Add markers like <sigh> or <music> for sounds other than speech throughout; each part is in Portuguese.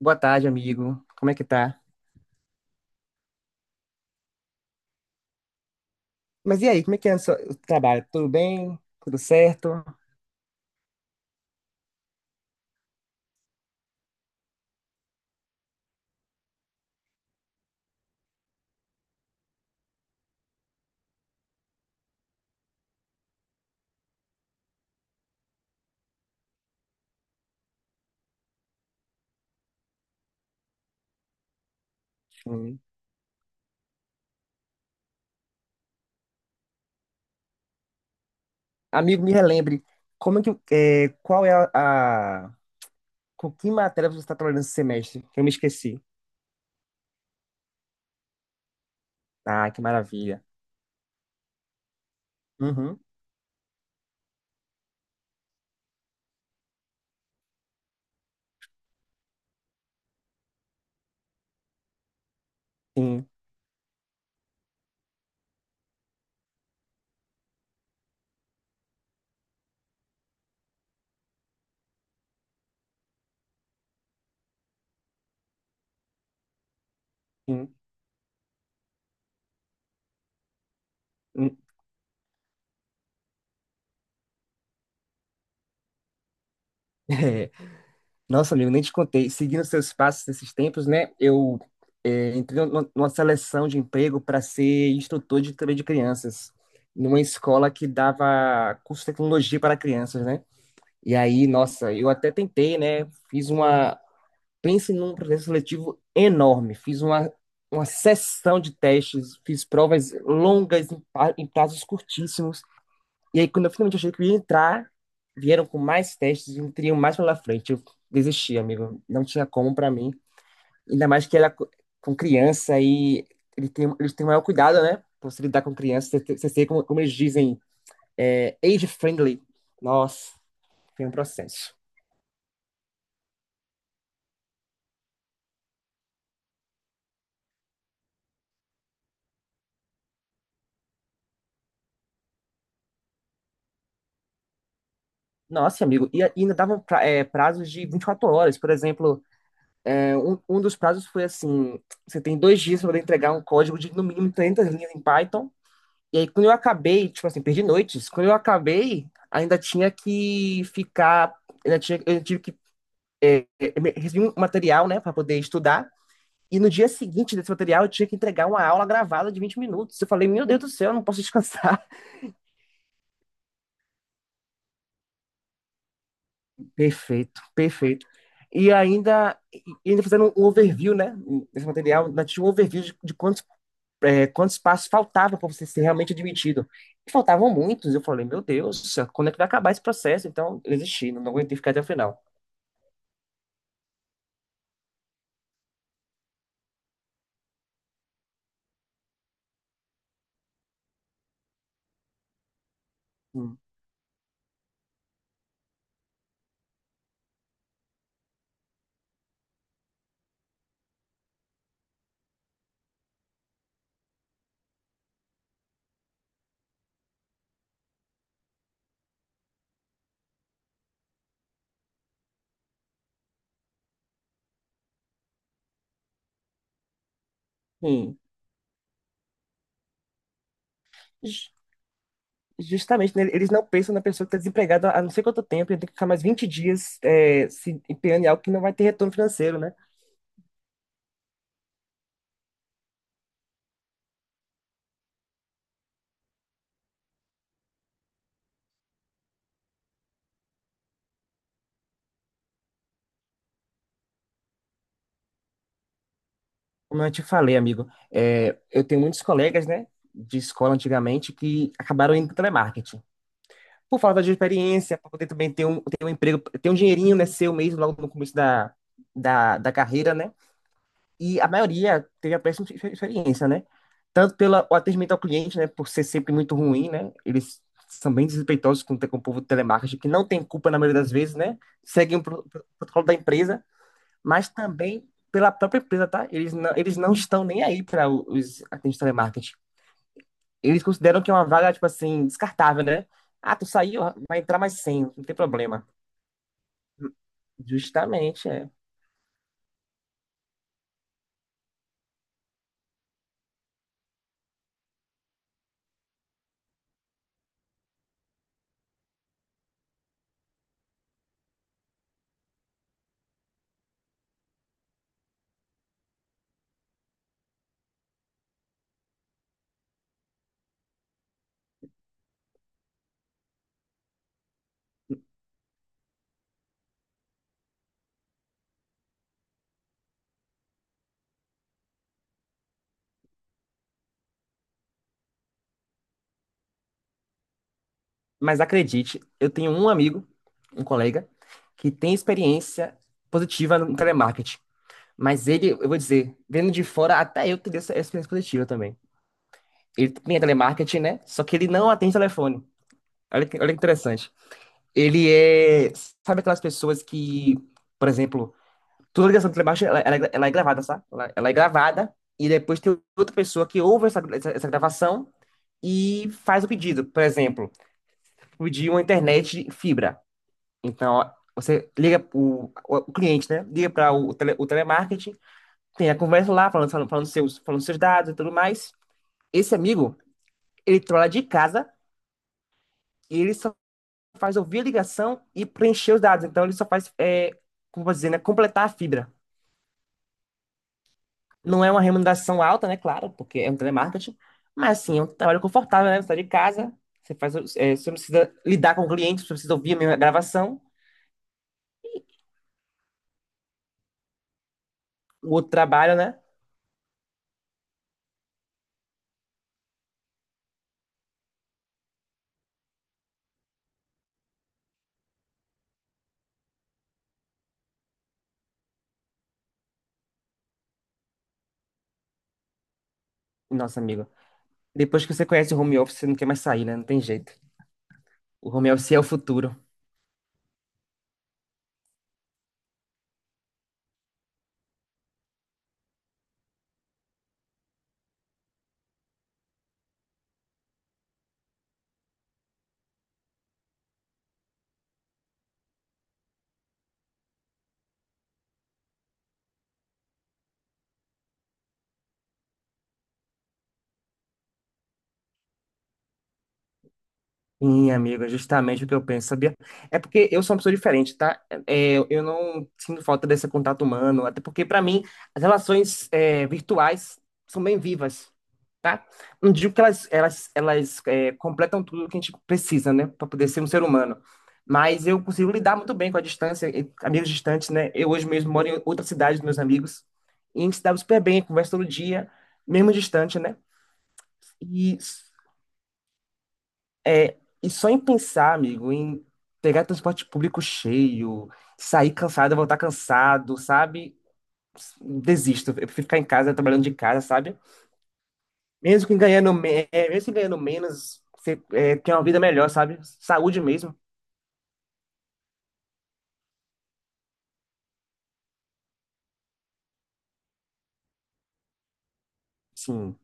Boa tarde, amigo. Como é que tá? Mas e aí, como é que é o trabalho? Tudo bem? Tudo certo? Hum. Amigo, me relembre, como é que, é, qual é com que matéria você está trabalhando esse semestre? Que eu me esqueci. Ah, que maravilha. Uhum. Sim, sim. Hum. <laughs> É. Nossa, amigo, nem te contei. Seguindo seus passos nesses tempos, né? Eu entrei numa seleção de emprego para ser instrutor de também de crianças, numa escola que dava curso de tecnologia para crianças, né? E aí, nossa, eu até tentei, né? Fiz uma. Pense num processo seletivo enorme. Fiz uma sessão de testes, fiz provas longas em prazos curtíssimos. E aí, quando eu finalmente achei que eu ia entrar, vieram com mais testes e me teriam mais pela frente. Eu desisti, amigo. Não tinha como pra mim. Ainda mais que com criança e eles têm o maior cuidado, né? Pra você lidar com criança, você sei como eles dizem, age friendly. Nossa, foi um processo. Nossa, amigo, e ainda davam prazos de 24 horas. Por exemplo, um dos prazos foi assim: você tem dois dias para entregar um código de no mínimo 300 linhas em Python. E aí, quando eu acabei, tipo assim, perdi noites. Quando eu acabei, ainda tinha que ficar. Ainda tinha, eu tive que recebi um material, né, para poder estudar. E no dia seguinte desse material, eu tinha que entregar uma aula gravada de 20 minutos. Eu falei, meu Deus do céu, eu não posso descansar. Perfeito, perfeito. E ainda, e ainda fazendo um overview, né? Nesse material, nós tínhamos um overview de quantos passos faltavam para você ser realmente admitido. E faltavam muitos. Eu falei, meu Deus, quando é que vai acabar esse processo? Então, eu desisti, não aguentei ficar até o final. Hum. Hum. Ju- Justamente, né, eles não pensam na pessoa que está desempregada há não sei quanto tempo, e tem que ficar mais 20 dias se empenhando em algo que não vai ter retorno financeiro, né? Como eu te falei, amigo, eu tenho muitos colegas, né, de escola antigamente que acabaram indo para telemarketing. Por falta de experiência, para poder também ter um emprego, ter um dinheirinho, né, seu mesmo logo no começo da carreira, né? E a maioria teve a péssima experiência, né? Tanto pelo atendimento ao cliente, né, por ser sempre muito ruim, né? Eles são bem desrespeitosos com o povo do telemarketing, que não tem culpa na maioria das vezes, né? Seguem o protocolo da empresa mas também pela própria empresa, tá? Eles não estão nem aí para os atendentes de telemarketing. Eles consideram que é uma vaga, tipo assim, descartável, né? Ah, tu saiu, vai entrar mais 100, não tem problema. Justamente, é. Mas acredite, eu tenho um amigo, um colega, que tem experiência positiva no telemarketing. Mas ele, eu vou dizer, vendo de fora, até eu teria essa experiência positiva também. Ele tem telemarketing, né? Só que ele não atende telefone. Olha que interessante. Ele é. Sabe aquelas pessoas que, por exemplo, toda ligação de telemarketing ela é gravada, sabe? Ela é gravada e depois tem outra pessoa que ouve essa gravação e faz o pedido. Por exemplo, pedir uma internet de fibra. Então, ó, você liga o cliente, né? Liga para o telemarketing, tem a conversa lá, falando seus dados e tudo mais. Esse amigo, ele trola de casa e ele só faz ouvir a ligação e preencher os dados. Então ele só faz, como eu vou dizer, né, completar a fibra. Não é uma remuneração alta, né? Claro, porque é um telemarketing, mas assim, é um trabalho confortável, né? Você está de casa, você faz, você não precisa lidar com o cliente, você precisa ouvir a minha gravação, o outro trabalho, né? Nossa, amigo, depois que você conhece o home office, você não quer mais sair, né? Não tem jeito. O home office é o futuro. Sim, amigo, é justamente o que eu penso, sabia? É porque eu sou uma pessoa diferente, tá? É, eu não sinto falta desse contato humano, até porque, para mim, as relações virtuais são bem vivas, tá? Não digo que elas completam tudo que a gente precisa, né, para poder ser um ser humano. Mas eu consigo lidar muito bem com a distância, e amigos distantes, né? Eu hoje mesmo moro em outra cidade dos meus amigos, e a gente se dá super bem, conversa todo dia, mesmo distante, né? E é, e só em pensar, amigo, em pegar transporte público cheio, sair cansado, voltar cansado, sabe? Desisto. Eu prefiro ficar em casa, trabalhando de casa, sabe? Mesmo que ganhando menos, você tem uma vida melhor, sabe? Saúde mesmo. Sim.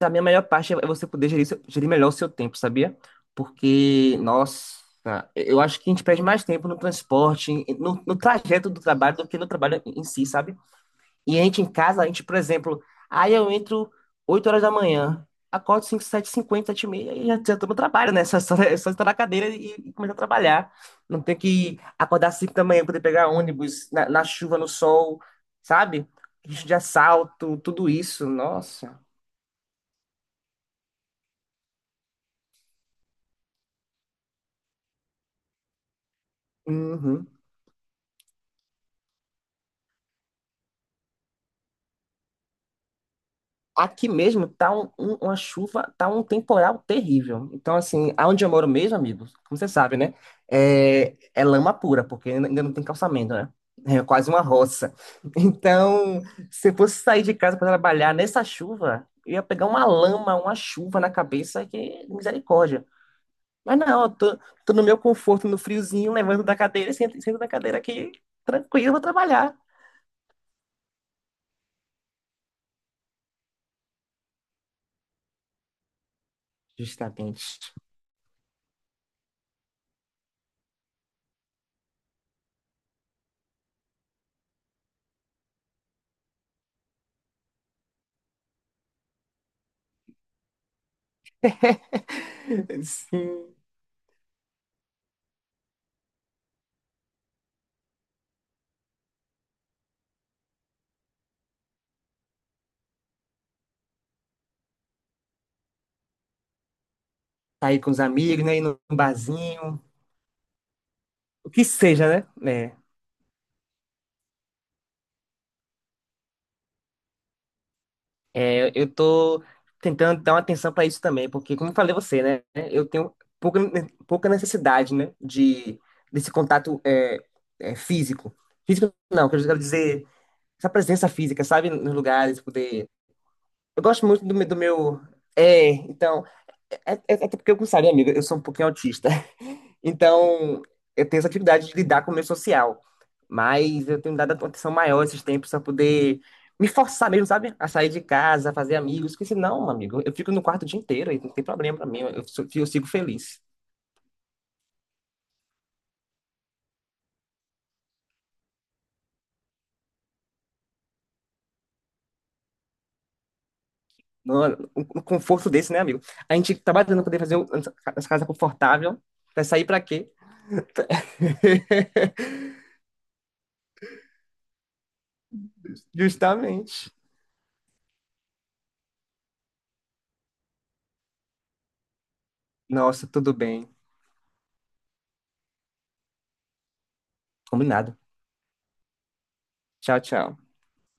A minha melhor parte é você poder gerir melhor o seu tempo, sabia? Porque, nossa, eu acho que a gente perde mais tempo no transporte, no trajeto do trabalho, do que no trabalho em si, sabe? E a gente em casa, a gente, por exemplo, aí eu entro 8 horas da manhã, acordo 5 7 50 7 e meia, e já tô no trabalho, né? <laughs> É só estar na cadeira e começar a trabalhar. Não tem que acordar 5 da manhã, poder pegar ônibus na chuva, no sol, sabe? Risco de assalto, tudo isso, nossa. Uhum. Aqui mesmo tá uma chuva, tá um temporal terrível. Então, assim, aonde eu moro mesmo, amigo, como você sabe, né? É lama pura, porque ainda não tem calçamento, né? É quase uma roça. <laughs> Então, se eu fosse sair de casa para trabalhar nessa chuva, eu ia pegar uma lama, uma chuva na cabeça, que misericórdia. Mas não, eu tô no meu conforto, no friozinho, levando da cadeira, sento na cadeira aqui, tranquilo, vou trabalhar. Justamente. <laughs> Sim. Sair com os amigos, né? Ir num barzinho, o que seja, né? É, é, eu tô tentando dar uma atenção para isso também, porque, como eu falei a você, né? Eu tenho pouca, pouca necessidade, né? Desse contato físico. Físico não, que eu quero dizer, essa presença física, sabe? Nos lugares, poder... Eu gosto muito do meu... É, então, até porque eu gostaria, amigo, eu sou um pouquinho autista. Então, eu tenho essa dificuldade de lidar com o meio social. Mas eu tenho dado atenção maior esses tempos para poder me forçar mesmo, sabe? A sair de casa, a fazer amigos. Porque senão, meu amigo, eu fico no quarto o dia inteiro e não tem problema para mim. Eu sigo feliz. No, um conforto desse, né, amigo? A gente tá batendo poder fazer essa casa confortável. Vai sair para quê? Justamente. Nossa, tudo bem. Combinado. Tchau, tchau.